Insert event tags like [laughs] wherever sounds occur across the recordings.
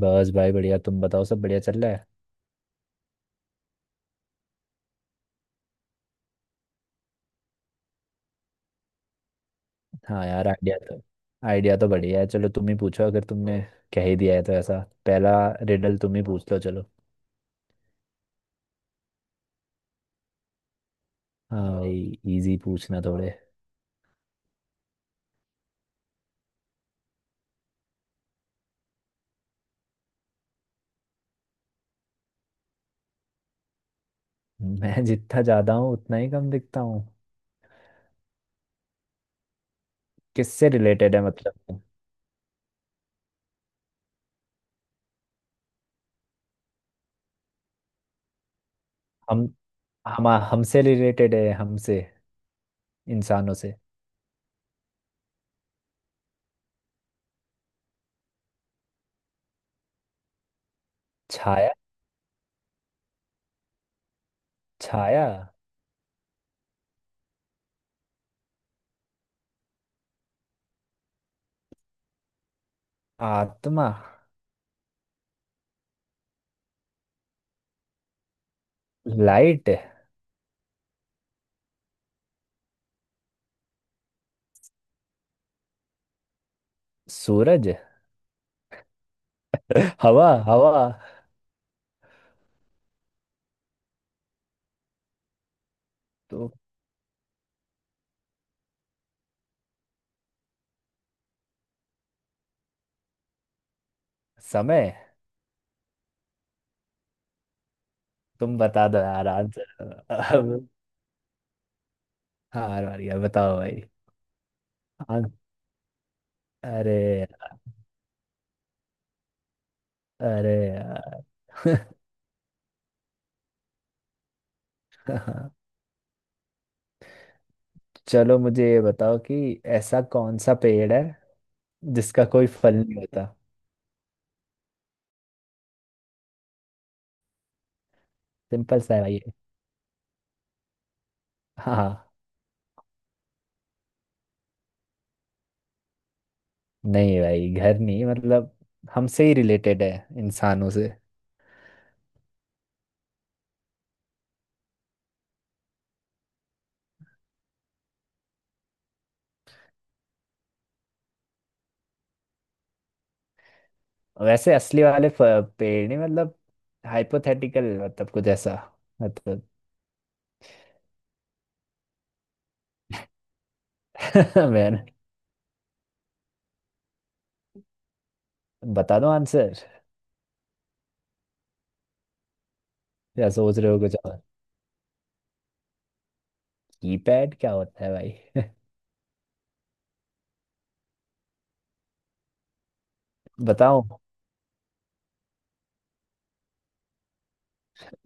बस भाई बढ़िया। तुम बताओ, सब बढ़िया चल रहा है? हाँ यार, आइडिया तो बढ़िया है। चलो तुम ही पूछो, अगर तुमने कह ही दिया है तो। ऐसा पहला रिडल तुम ही पूछ लो चलो। हाँ भाई, इजी पूछना थोड़े। मैं जितना ज्यादा हूँ उतना ही कम दिखता हूँ। किससे रिलेटेड है मतलब? हम हम हमसे रिलेटेड है, हमसे, इंसानों से। छाया। छाया। आत्मा। लाइट। सूरज। हवा हवा तो। समय। तुम बता दो यार आंसर। हार वाली है, बताओ भाई। हाँ, अरे। अरे यार। [laughs] चलो मुझे ये बताओ कि ऐसा कौन सा पेड़ है जिसका कोई फल नहीं होता। सिंपल सा है भाई ये। हाँ। नहीं भाई, घर नहीं। मतलब हमसे ही रिलेटेड है, इंसानों से। वैसे पेड़ नहीं, मतलब हाइपोथेटिकल। मतलब कुछ ऐसा मतलब। [laughs] मैंने बता दो आंसर। या सोच रहे हो कुछ और? कीपैड क्या होता है भाई? [laughs] बताओ।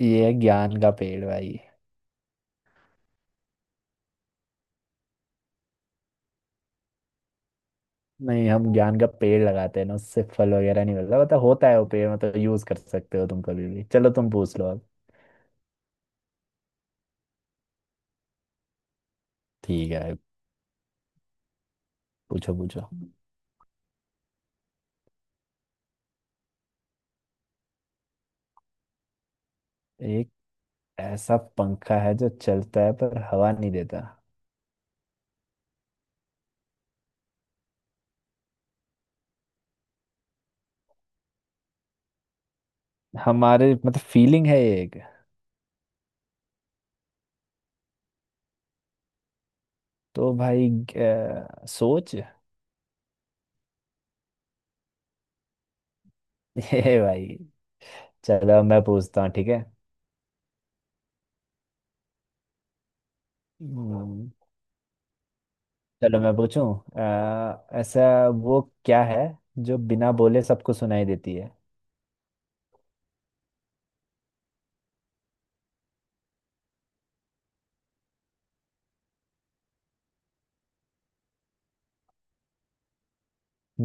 ये है ज्ञान का पेड़ भाई। नहीं, हम ज्ञान का पेड़ लगाते हैं ना, उससे फल वगैरह नहीं मिलता। मतलब होता है वो पेड़, मतलब यूज कर सकते हो तुम कभी भी। चलो तुम पूछ लो अब। ठीक है, पूछो पूछो। एक ऐसा पंखा है जो चलता है पर हवा नहीं देता। हमारे मतलब फीलिंग है ये एक। तो भाई सोच। [laughs] ये भाई। चलो मैं पूछता हूँ, ठीक है। हम्म, चलो मैं पूछूं। ऐसा वो क्या है जो बिना बोले सबको सुनाई देती है?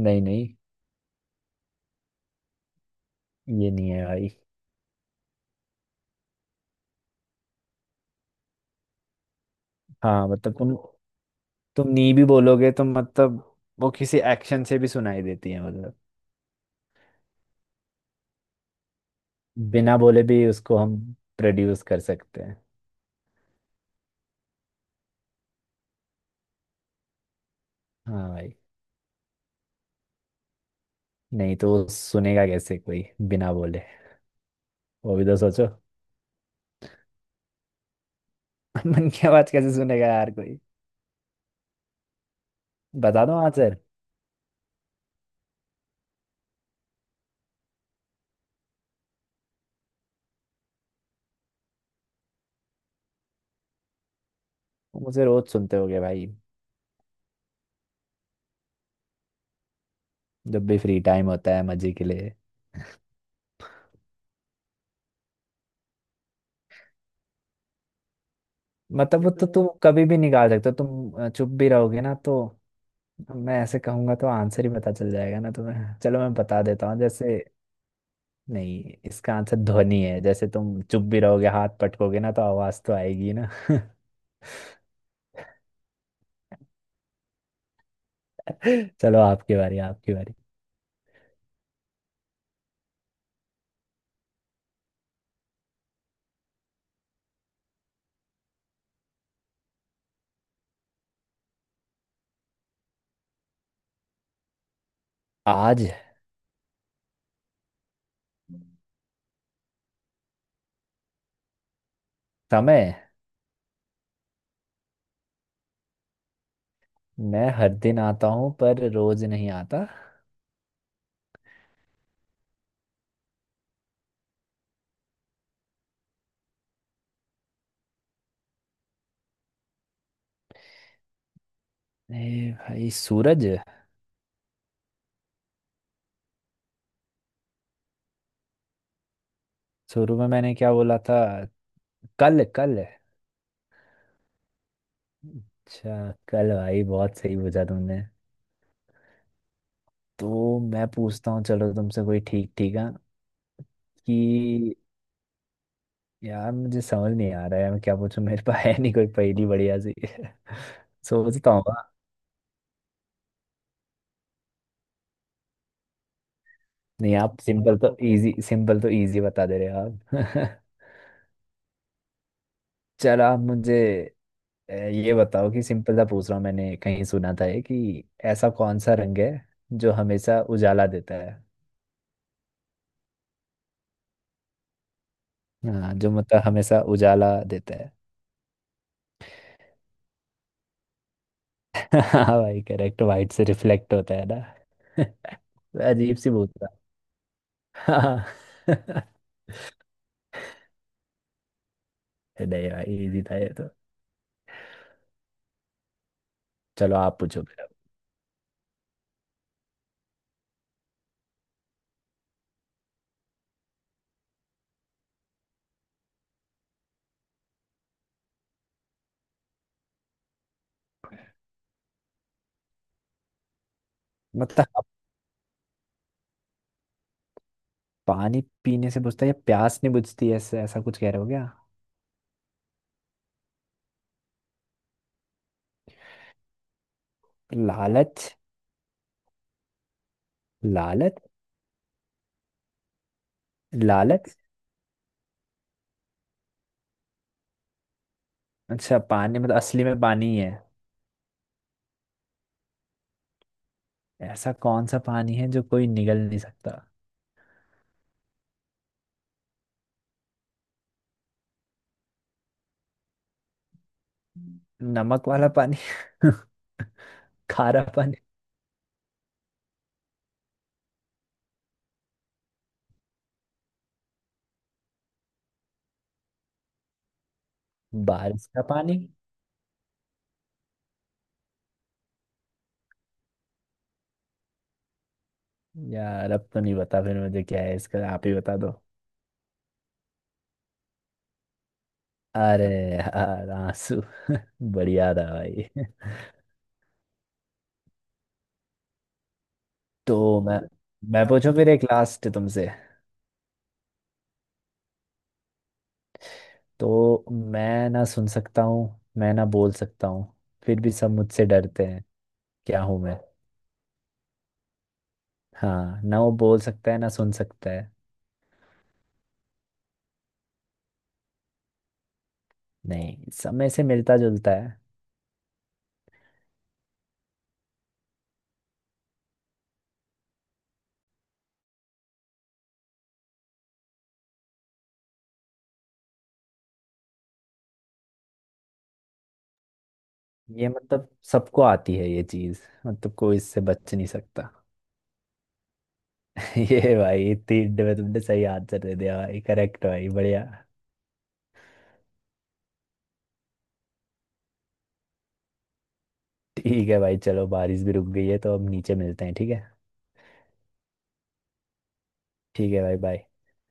नहीं नहीं, ये नहीं है भाई। हाँ मतलब तुम नी भी बोलोगे तो, मतलब वो किसी एक्शन से भी सुनाई देती है। मतलब बिना बोले भी उसको हम प्रोड्यूस कर सकते हैं। हाँ भाई, नहीं तो वो सुनेगा कैसे कोई बिना बोले? वो भी तो सोचो। [laughs] मन की आवाज कैसे सुनेगा यार कोई? बता दो आंसर। वो मुझे रोज सुनते होगे भाई। जब भी फ्री टाइम होता है मजे के लिए। मतलब वो तो तुम कभी भी निकाल सकते हो। चुप भी रहोगे ना तो। मैं ऐसे कहूंगा तो आंसर ही पता चल जाएगा ना तुम्हें। चलो मैं बता देता हूँ। जैसे, नहीं, इसका आंसर ध्वनि है। जैसे तुम चुप भी रहोगे, हाथ पटकोगे ना तो आवाज तो आएगी ना। [laughs] चलो आपकी बारी, आपकी बारी। आज। समय। मैं हर दिन आता हूँ पर रोज नहीं आता। ए भाई, सूरज। शुरू में मैंने क्या बोला था? कल कल अच्छा कल। भाई बहुत सही बुझा तुमने। तो मैं पूछता हूँ चलो तुमसे कोई, ठीक ठीक है। कि यार मुझे समझ नहीं आ रहा है मैं क्या पूछूं, मेरे पास है नहीं कोई पहेली बढ़िया सी। [laughs] सोचता हूँ। नहीं आप सिंपल तो इजी बता दे रहे हो आप। [laughs] चलो आप मुझे ये बताओ कि, सिंपल सा पूछ रहा हूँ, मैंने कहीं सुना था ये कि ऐसा कौन सा रंग है जो हमेशा उजाला देता है? हाँ, जो मतलब हमेशा उजाला देता है। [laughs] हाँ भाई करेक्ट, वाइट से रिफ्लेक्ट होता है ना। [laughs] अजीब सी भूत था। हाँ। [laughs] नहीं भाई, इजी था ये तो। चलो आप पूछो फिर अब। मतलब आप पानी पीने से बुझता है या प्यास नहीं बुझती है, ऐसा ऐसा कुछ कह रहे हो क्या? लालच। लालच। लालच। अच्छा पानी, मतलब असली में पानी ही है? ऐसा कौन सा पानी है जो कोई निगल नहीं सकता? नमक वाला पानी। [laughs] खारा पानी। बारिश का पानी। यार अब तो नहीं पता फिर मुझे, क्या है इसका आप ही बता दो। अरे यार आंसू। बढ़िया था भाई। तो मैं पूछूं फिर एक लास्ट तुमसे। तो मैं ना सुन सकता हूँ, मैं ना बोल सकता हूँ, फिर भी सब मुझसे डरते हैं। क्या हूं मैं? हाँ, ना वो बोल सकता है ना सुन सकता है। नहीं, समय से मिलता जुलता है। ये मतलब सबको आती है ये चीज, मतलब कोई इससे बच नहीं सकता। [laughs] ये भाई, इतनी हिंट में तुमने सही आंसर दे दिया भाई। करेक्ट भाई, बढ़िया। ठीक है भाई, चलो बारिश भी रुक गई है तो अब नीचे मिलते हैं, ठीक है। ठीक है भाई, बाय।